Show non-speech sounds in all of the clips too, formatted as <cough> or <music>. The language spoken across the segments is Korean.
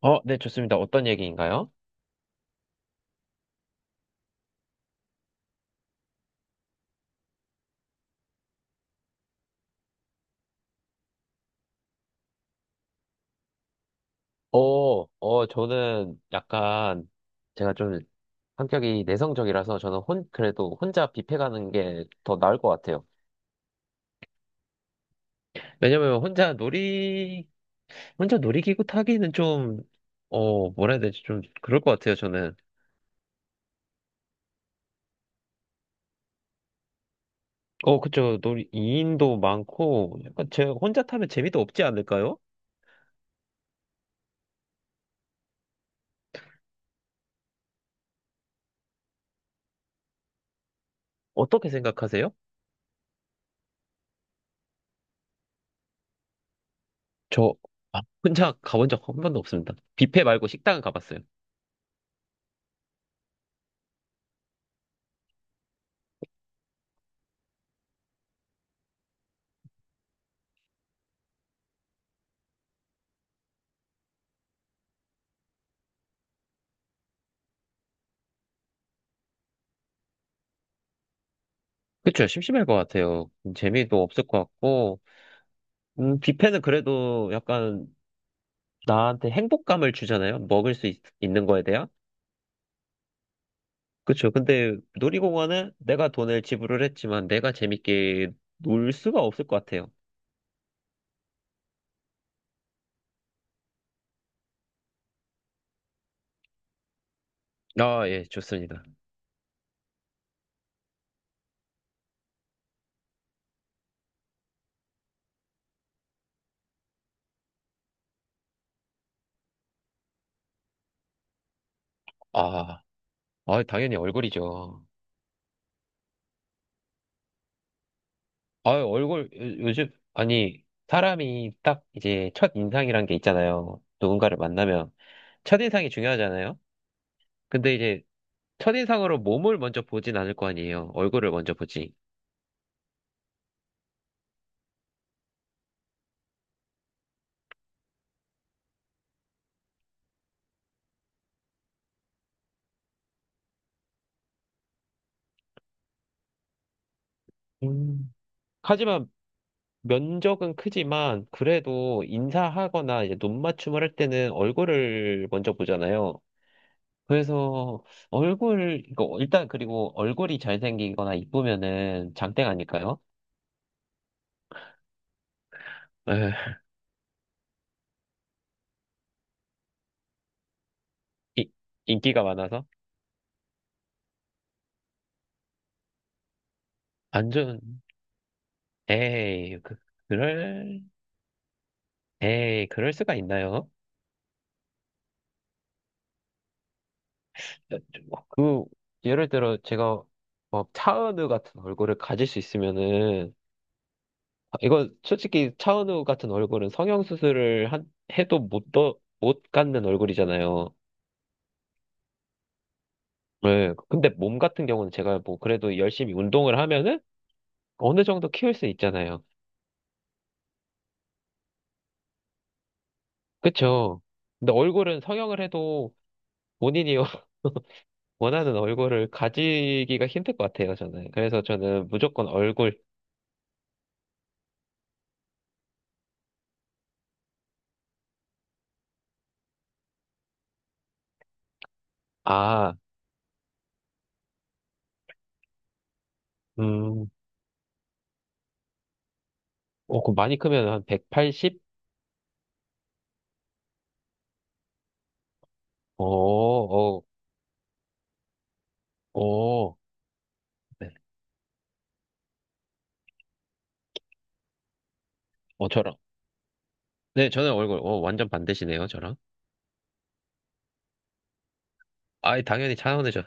네, 좋습니다. 어떤 얘기인가요? 저는 약간 제가 좀 성격이 내성적이라서 그래도 혼자 뷔페 가는 게 더 나을 것 같아요. 왜냐면 혼자 놀이기구 타기는 좀, 뭐라 해야 되지? 좀 그럴 것 같아요, 저는. 어, 그쵸. 2인도 많고, 약간 제가 혼자 타면 재미도 없지 않을까요? 어떻게 생각하세요? 저 아, 혼자 가본 적 한 번도 없습니다. 뷔페 말고 식당은 가봤어요. 그쵸, 심심할 것 같아요. 재미도 없을 것 같고, 뷔페는 그래도 약간 나한테 행복감을 주잖아요. 먹을 수 있, 는 거에 대한. 그쵸. 근데 놀이공원은 내가 돈을 지불을 했지만 내가 재밌게 놀 수가 없을 것 같아요. 아, 예, 좋습니다. 아, 아, 당연히 얼굴이죠. 요즘, 아니, 사람이 딱 이제 첫 인상이란 게 있잖아요. 누군가를 만나면. 첫 인상이 중요하잖아요. 근데 이제 첫인상으로 몸을 먼저 보진 않을 거 아니에요. 얼굴을 먼저 보지. 음. 하지만 면적은 크지만 그래도 인사하거나 이제 눈 맞춤을 할 때는 얼굴을 먼저 보잖아요. 그래서 얼굴 이거 일단 그리고 얼굴이 잘생기거나 이쁘면은 장땡 아닐까요? 에, 이- 인기가 많아서 안 좋은 에이 그, 그럴 에이 그럴 수가 있나요? 그, 예를 들어 제가 뭐 차은우 같은 얼굴을 가질 수 있으면은, 이거 솔직히 차은우 같은 얼굴은 성형수술을 해도 못 갖는 얼굴이잖아요. 네. 근데 몸 같은 경우는 제가 뭐 그래도 열심히 운동을 하면은 어느 정도 키울 수 있잖아요. 그쵸? 근데 얼굴은 성형을 해도 본인이 <laughs> 원하는 얼굴을 가지기가 힘들 것 같아요, 저는. 그래서 저는 무조건 얼굴, 아, 음, 많이 크면 한 180? 어, 어, 어, 네. 어, 저랑. 네, 저는 얼굴, 어, 완전 반대시네요, 저랑. 아이, 당연히 차은우죠.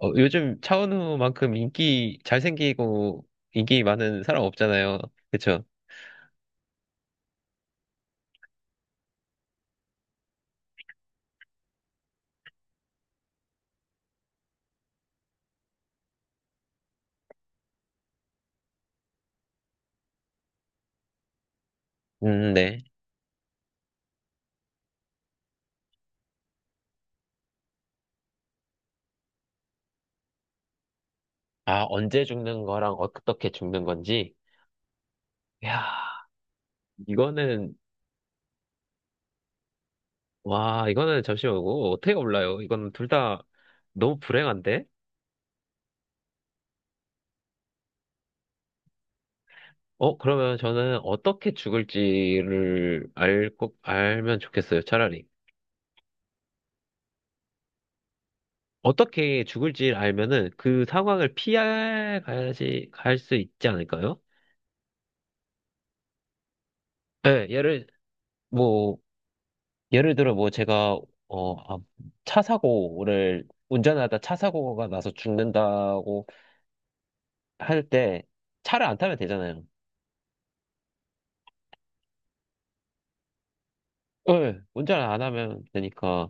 어, 요즘 차은우만큼 인기 잘생기고, 인기 많은 사람 없잖아요. 그쵸? 네. 아, 언제 죽는 거랑 어떻게 죽는 건지. 이야, 이거는, 와, 이거는 잠시만, 이거 어떻게 몰라요? 이거는 둘 다 너무 불행한데? 어, 그러면 저는 꼭 알면 좋겠어요, 차라리. 어떻게 죽을지 알면은 그 상황을 피할 가야지 갈 수 있지 않을까요? 예, 예를 뭐 예를 들어 뭐 제가 어, 아, 차 사고를 운전하다 차 사고가 나서 죽는다고 할 때 차를 안 타면 되잖아요. 예, 운전 안 하면 되니까.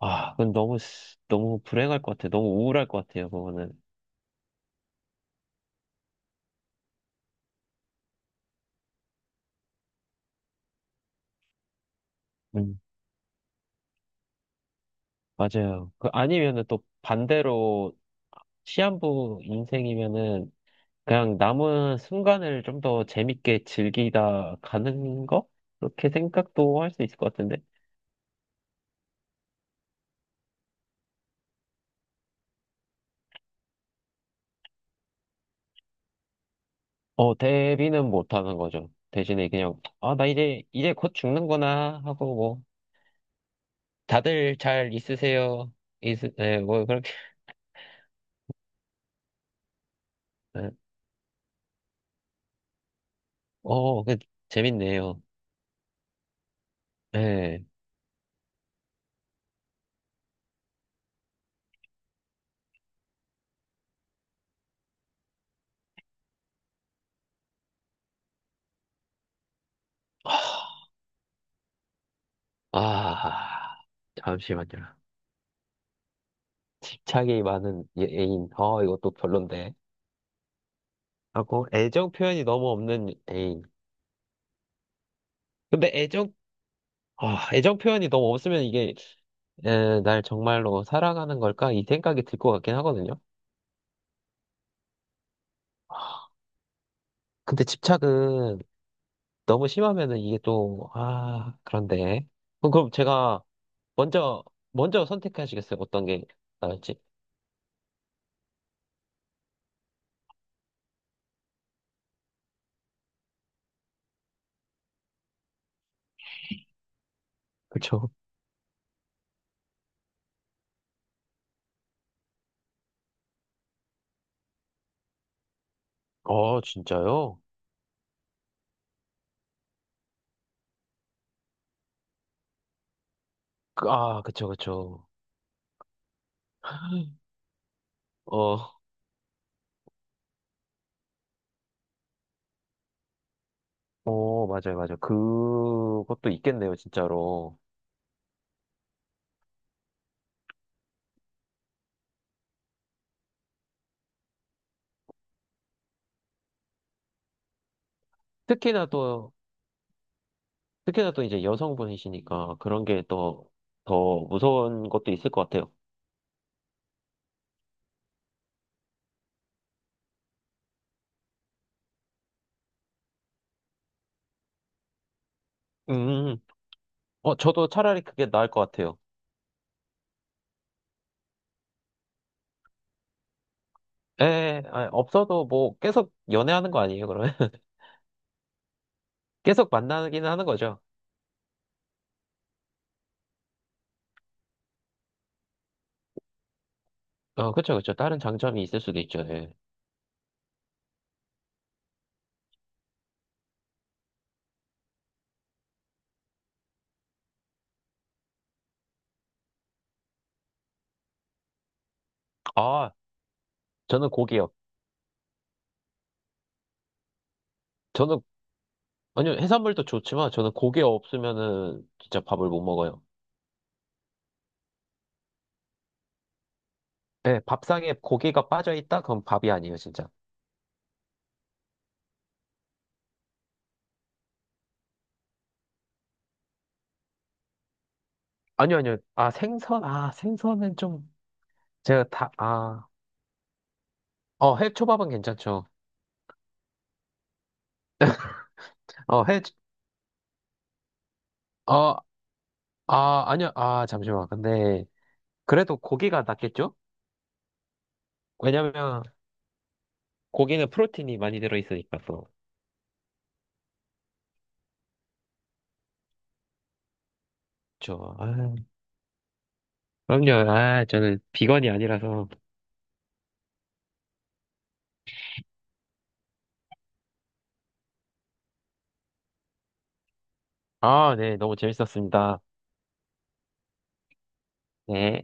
아, 그건 너무 불행할 것 같아요. 너무 우울할 것 같아요. 그거는. 음, 맞아요. 아니면은 또 반대로 시한부 인생이면은 그냥 남은 순간을 좀 더 재밌게 즐기다 가는 거? 그렇게 생각도 할 수 있을 것 같은데. 어, 대비는 못 하는 거죠. 대신에 그냥, 아, 나 이제, 이제 곧 죽는구나 하고 뭐, 다들 잘 있으세요. 네, 뭐, 그렇게, 네. 어, 그, 재밌네요. 네. 아, 잠시만요. 애인. 어, 이것도 별론데. 하고, 애정 표현이 너무 없는 애인. 근데 애정 아, 애정 표현이 너무 없으면 이게 에, 날 정말로 사랑하는 걸까? 이 생각이 들 것 같긴 하거든요. 근데 집착은 너무 심하면은 이게 또, 아, 그런데. 그럼 제가 먼저, 먼저 선택하시겠어요? 어떤 게 나을지. 그쵸. 어, 진짜요? 아, 그쵸, 그쵸. 어, 맞아요, 맞아요. 그것도 있겠네요, 진짜로. 특히나 또, 특히나 또 이제 여성분이시니까 그런 게 또 더 무서운 것도 있을 것 같아요. 음. 어, 저도 차라리 그게 나을 것 같아요. 예, 아, 없어도 뭐 계속 연애하는 거 아니에요, 그러면? <laughs> 계속 만나기는 하는 거죠. 어, 그쵸, 그쵸. 다른 장점이 있을 수도 있죠, 예. 아, 저는 고기요. 저는, 아니요, 해산물도 좋지만 저는 고기 없으면은 진짜 밥을 못 먹어요. 예, 밥상에 고기가 빠져 있다? 그럼 밥이 아니에요, 진짜. 아니요, 아니요. 아, 생선? 아, 생선은 좀, 제가 다, 아, 어, 해초밥은 괜찮죠. 어, 해, 어, 아니요, 아, 잠시만. 근데, 그래도 고기가 낫겠죠? 왜냐면 고기는 프로틴이 많이 들어있으니까 또. 그쵸. 아, 그럼요. 아, 저는 비건이 아니라서. 아, 네. 너무 재밌었습니다. 네.